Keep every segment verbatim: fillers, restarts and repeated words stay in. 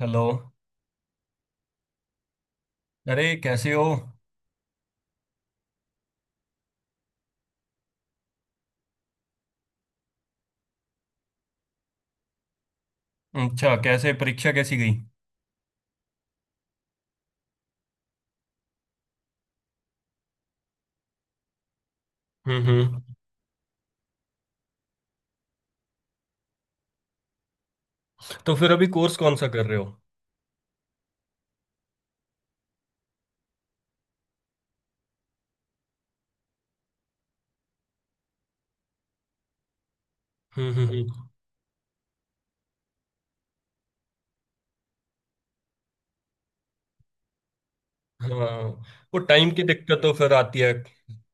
Hello. अरे कैसे हो? अच्छा, कैसे? परीक्षा कैसी गई? हम्म, हम्म। तो फिर अभी कोर्स कौन सा कर रहे हो? हम्म, हम्म, हम्म। हाँ। वो टाइम की दिक्कत तो फिर आती है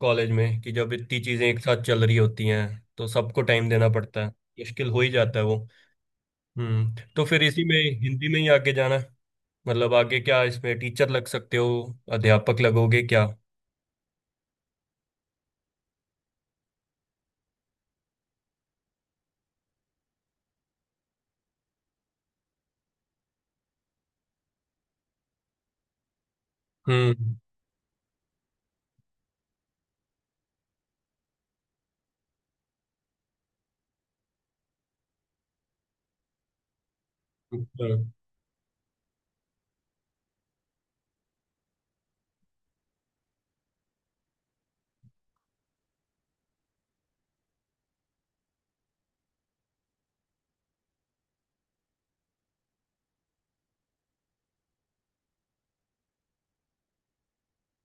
कॉलेज में कि जब इतनी चीजें एक साथ चल रही होती हैं तो सबको टाइम देना पड़ता है। मुश्किल हो ही जाता है वो। हम्म तो फिर इसी में हिंदी में ही आगे जाना है? मतलब आगे क्या इसमें? टीचर लग सकते हो? अध्यापक लगोगे क्या? हम्म। अच्छा,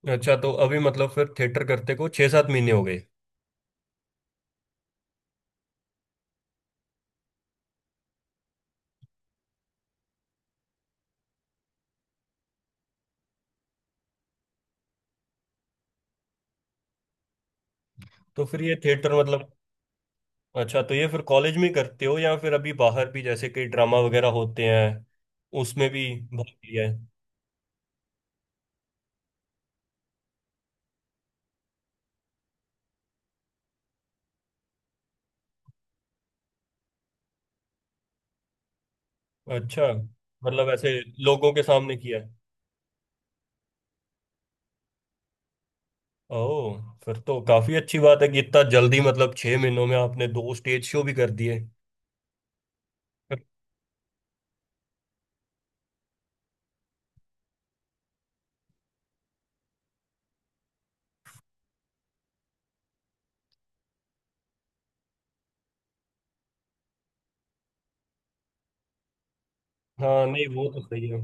अच्छा, तो अभी मतलब फिर थिएटर करते को छह सात महीने हो गए। तो फिर ये थिएटर मतलब। अच्छा, तो ये फिर कॉलेज में ही करते हो या फिर अभी बाहर भी जैसे कई ड्रामा वगैरह होते हैं उसमें भी भाग लिया है? अच्छा, मतलब ऐसे लोगों के सामने किया है? ओह, फिर तो काफी अच्छी बात है कि इतना जल्दी मतलब छह महीनों में आपने दो स्टेज शो भी कर दिए। हाँ, नहीं, वो तो सही है।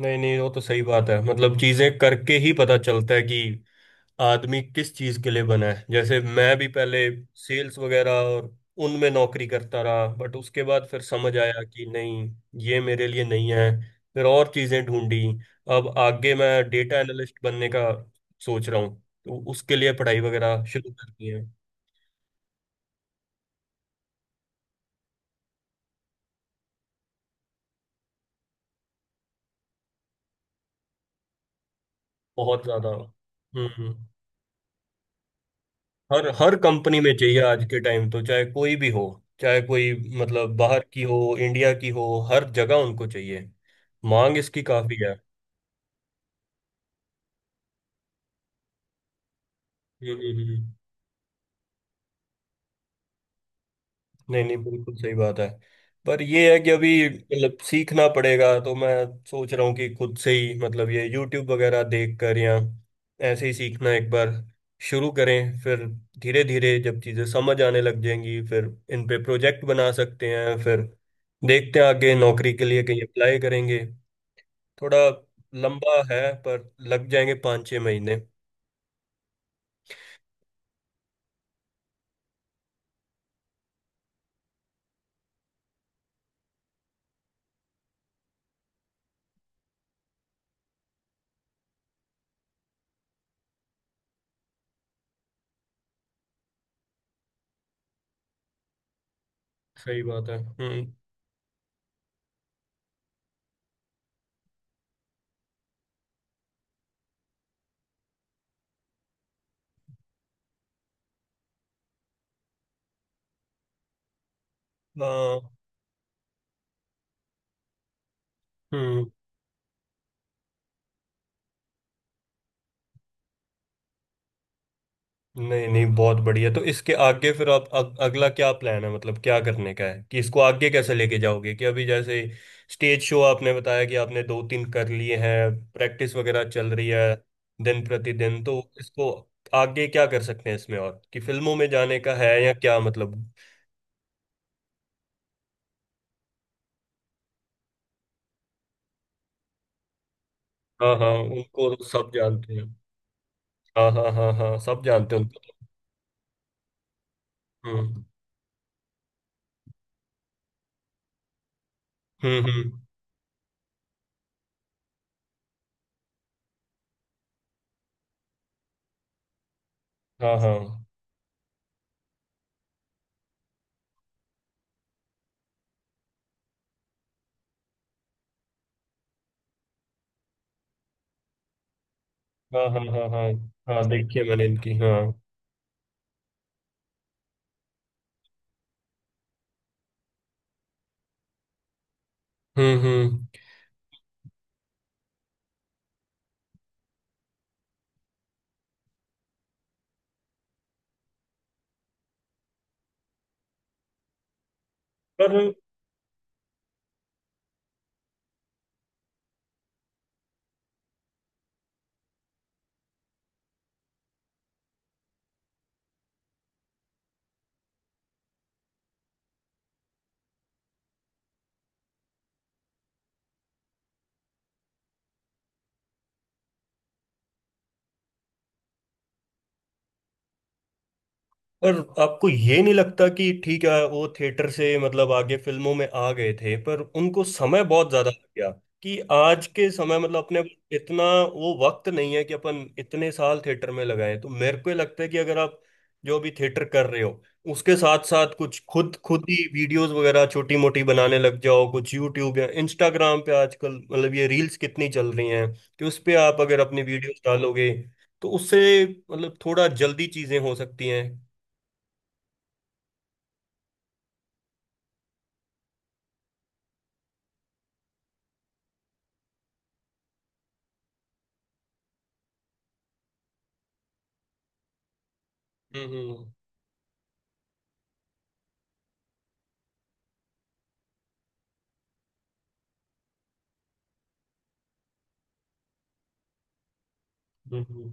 नहीं, नहीं, वो तो सही बात है, मतलब चीजें करके ही पता चलता है कि आदमी किस चीज के लिए बना है। जैसे मैं भी पहले सेल्स वगैरह और उनमें नौकरी करता रहा, बट उसके बाद फिर समझ आया कि नहीं, ये मेरे लिए नहीं है। फिर और चीजें ढूंढी। अब आगे मैं डेटा एनालिस्ट बनने का सोच रहा हूँ, तो उसके लिए पढ़ाई वगैरह शुरू कर दी है। बहुत ज्यादा। हम्म। हर हर कंपनी में चाहिए आज के टाइम, तो चाहे कोई भी हो, चाहे कोई मतलब बाहर की हो, इंडिया की हो, हर जगह उनको चाहिए। मांग इसकी काफी है। हम्म, हम्म, हम्म। नहीं, नहीं, बिल्कुल सही बात है। पर ये है कि अभी मतलब सीखना पड़ेगा, तो मैं सोच रहा हूँ कि खुद से ही मतलब ये YouTube वगैरह देख कर या ऐसे ही सीखना एक बार शुरू करें, फिर धीरे धीरे जब चीज़ें समझ आने लग जाएंगी फिर इन पे प्रोजेक्ट बना सकते हैं, फिर देखते हैं आगे नौकरी के लिए कहीं अप्लाई करेंगे। थोड़ा लंबा है पर लग जाएंगे पाँच छः महीने। सही बात है। हम्म। हाँ। हम्म। नहीं, नहीं, बहुत बढ़िया। तो इसके आगे फिर आप अग, अगला क्या प्लान है, मतलब क्या करने का है कि इसको आगे कैसे लेके जाओगे? कि अभी जैसे स्टेज शो आपने बताया कि आपने दो तीन कर लिए हैं, प्रैक्टिस वगैरह चल रही है दिन प्रतिदिन, तो इसको आगे क्या कर सकते हैं इसमें, और कि फिल्मों में जाने का है या क्या मतलब? हाँ, हाँ, उनको सब जानते हैं। हाँ, हाँ, हाँ, हाँ, सब जानते हैं उनको। हम्म, हम्म, हम्म। हाँ, हाँ, हाँ, हाँ, हाँ। हाँ, हाँ, देखिए मैंने इनकी, हाँ। हम्म, हम्म। पर आपको ये नहीं लगता कि ठीक है वो थिएटर से मतलब आगे फिल्मों में आ गए थे पर उनको समय बहुत ज्यादा लग गया, कि आज के समय मतलब अपने इतना वो वक्त नहीं है कि अपन इतने साल थिएटर में लगाए? तो मेरे को ये लगता है कि अगर आप जो भी थिएटर कर रहे हो उसके साथ साथ कुछ खुद खुद ही वीडियोस वगैरह छोटी मोटी बनाने लग जाओ कुछ यूट्यूब या इंस्टाग्राम पे। आजकल मतलब ये रील्स कितनी चल रही हैं, कि उस पे आप अगर अपनी वीडियोस डालोगे तो उससे मतलब थोड़ा जल्दी चीजें हो सकती हैं। हम्म, हम्म, हम्म,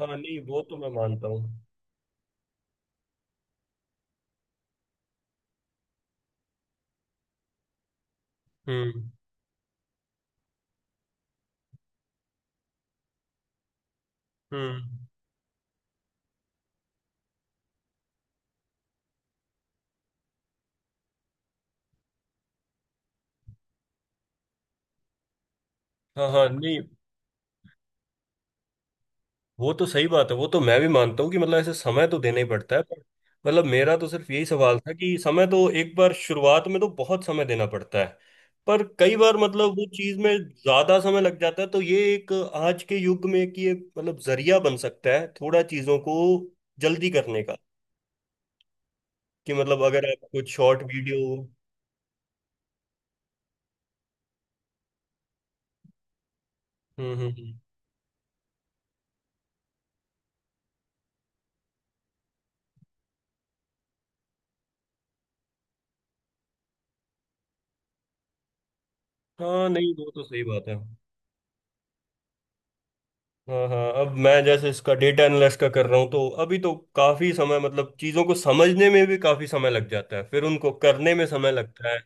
हाँ। नहीं, वो तो मैं मानता हूँ। हम्म, हम्म। हाँ, हाँ, नहीं, वो तो सही बात है, वो तो मैं भी मानता हूँ कि मतलब ऐसे समय तो देना ही पड़ता है, पर मतलब मेरा तो सिर्फ यही सवाल था कि समय तो एक बार शुरुआत में तो बहुत समय देना पड़ता है, पर कई बार मतलब वो चीज में ज्यादा समय लग जाता है, तो ये एक आज के युग में कि ये मतलब जरिया बन सकता है थोड़ा चीजों को जल्दी करने का, कि मतलब अगर आप कुछ शॉर्ट वीडियो। हम्म, हम्म, हम्म। हाँ, नहीं, वो तो सही बात है। हाँ, हाँ, अब मैं जैसे इसका डेटा एनालिस्ट का कर रहा हूँ, तो अभी तो काफी समय मतलब चीजों को समझने में भी काफी समय लग जाता है, फिर उनको करने में समय लगता है,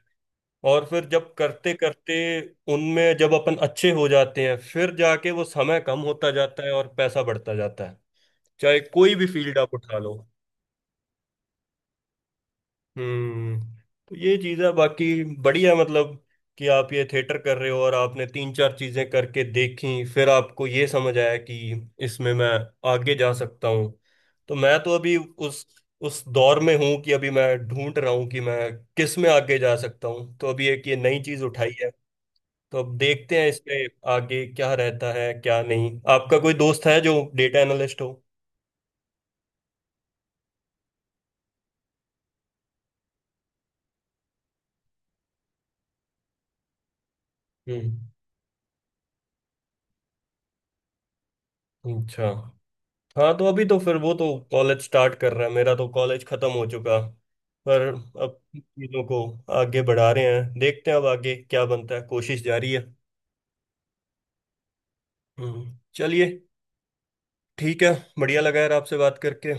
और फिर जब करते करते उनमें जब अपन अच्छे हो जाते हैं फिर जाके वो समय कम होता जाता है और पैसा बढ़ता जाता है, चाहे कोई भी फील्ड आप उठा लो। हम्म। तो ये चीज़ है, बाकी बढ़िया, मतलब कि आप ये थिएटर कर रहे हो और आपने तीन चार चीज़ें करके देखी फिर आपको ये समझ आया कि इसमें मैं आगे जा सकता हूँ। तो मैं तो अभी उस उस दौर में हूँ कि अभी मैं ढूंढ रहा हूँ कि मैं किस में आगे जा सकता हूँ, तो अभी एक ये नई चीज़ उठाई है, तो अब देखते हैं इसमें आगे क्या रहता है क्या नहीं। आपका कोई दोस्त है जो डेटा एनालिस्ट हो? हम्म। अच्छा। हाँ, तो अभी तो फिर वो तो कॉलेज स्टार्ट कर रहा है, मेरा तो कॉलेज खत्म हो चुका। पर अब चीजों को आगे बढ़ा रहे हैं, देखते हैं अब आगे क्या बनता है, कोशिश जारी है। हम्म चलिए, ठीक है। बढ़िया लगा यार आपसे बात करके।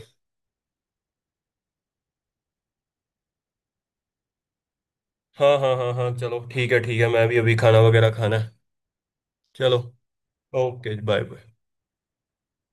हाँ, हाँ, हाँ, हाँ, चलो ठीक है, ठीक है। मैं भी अभी खाना वगैरह खाना है। चलो। ओके। Bye, bye.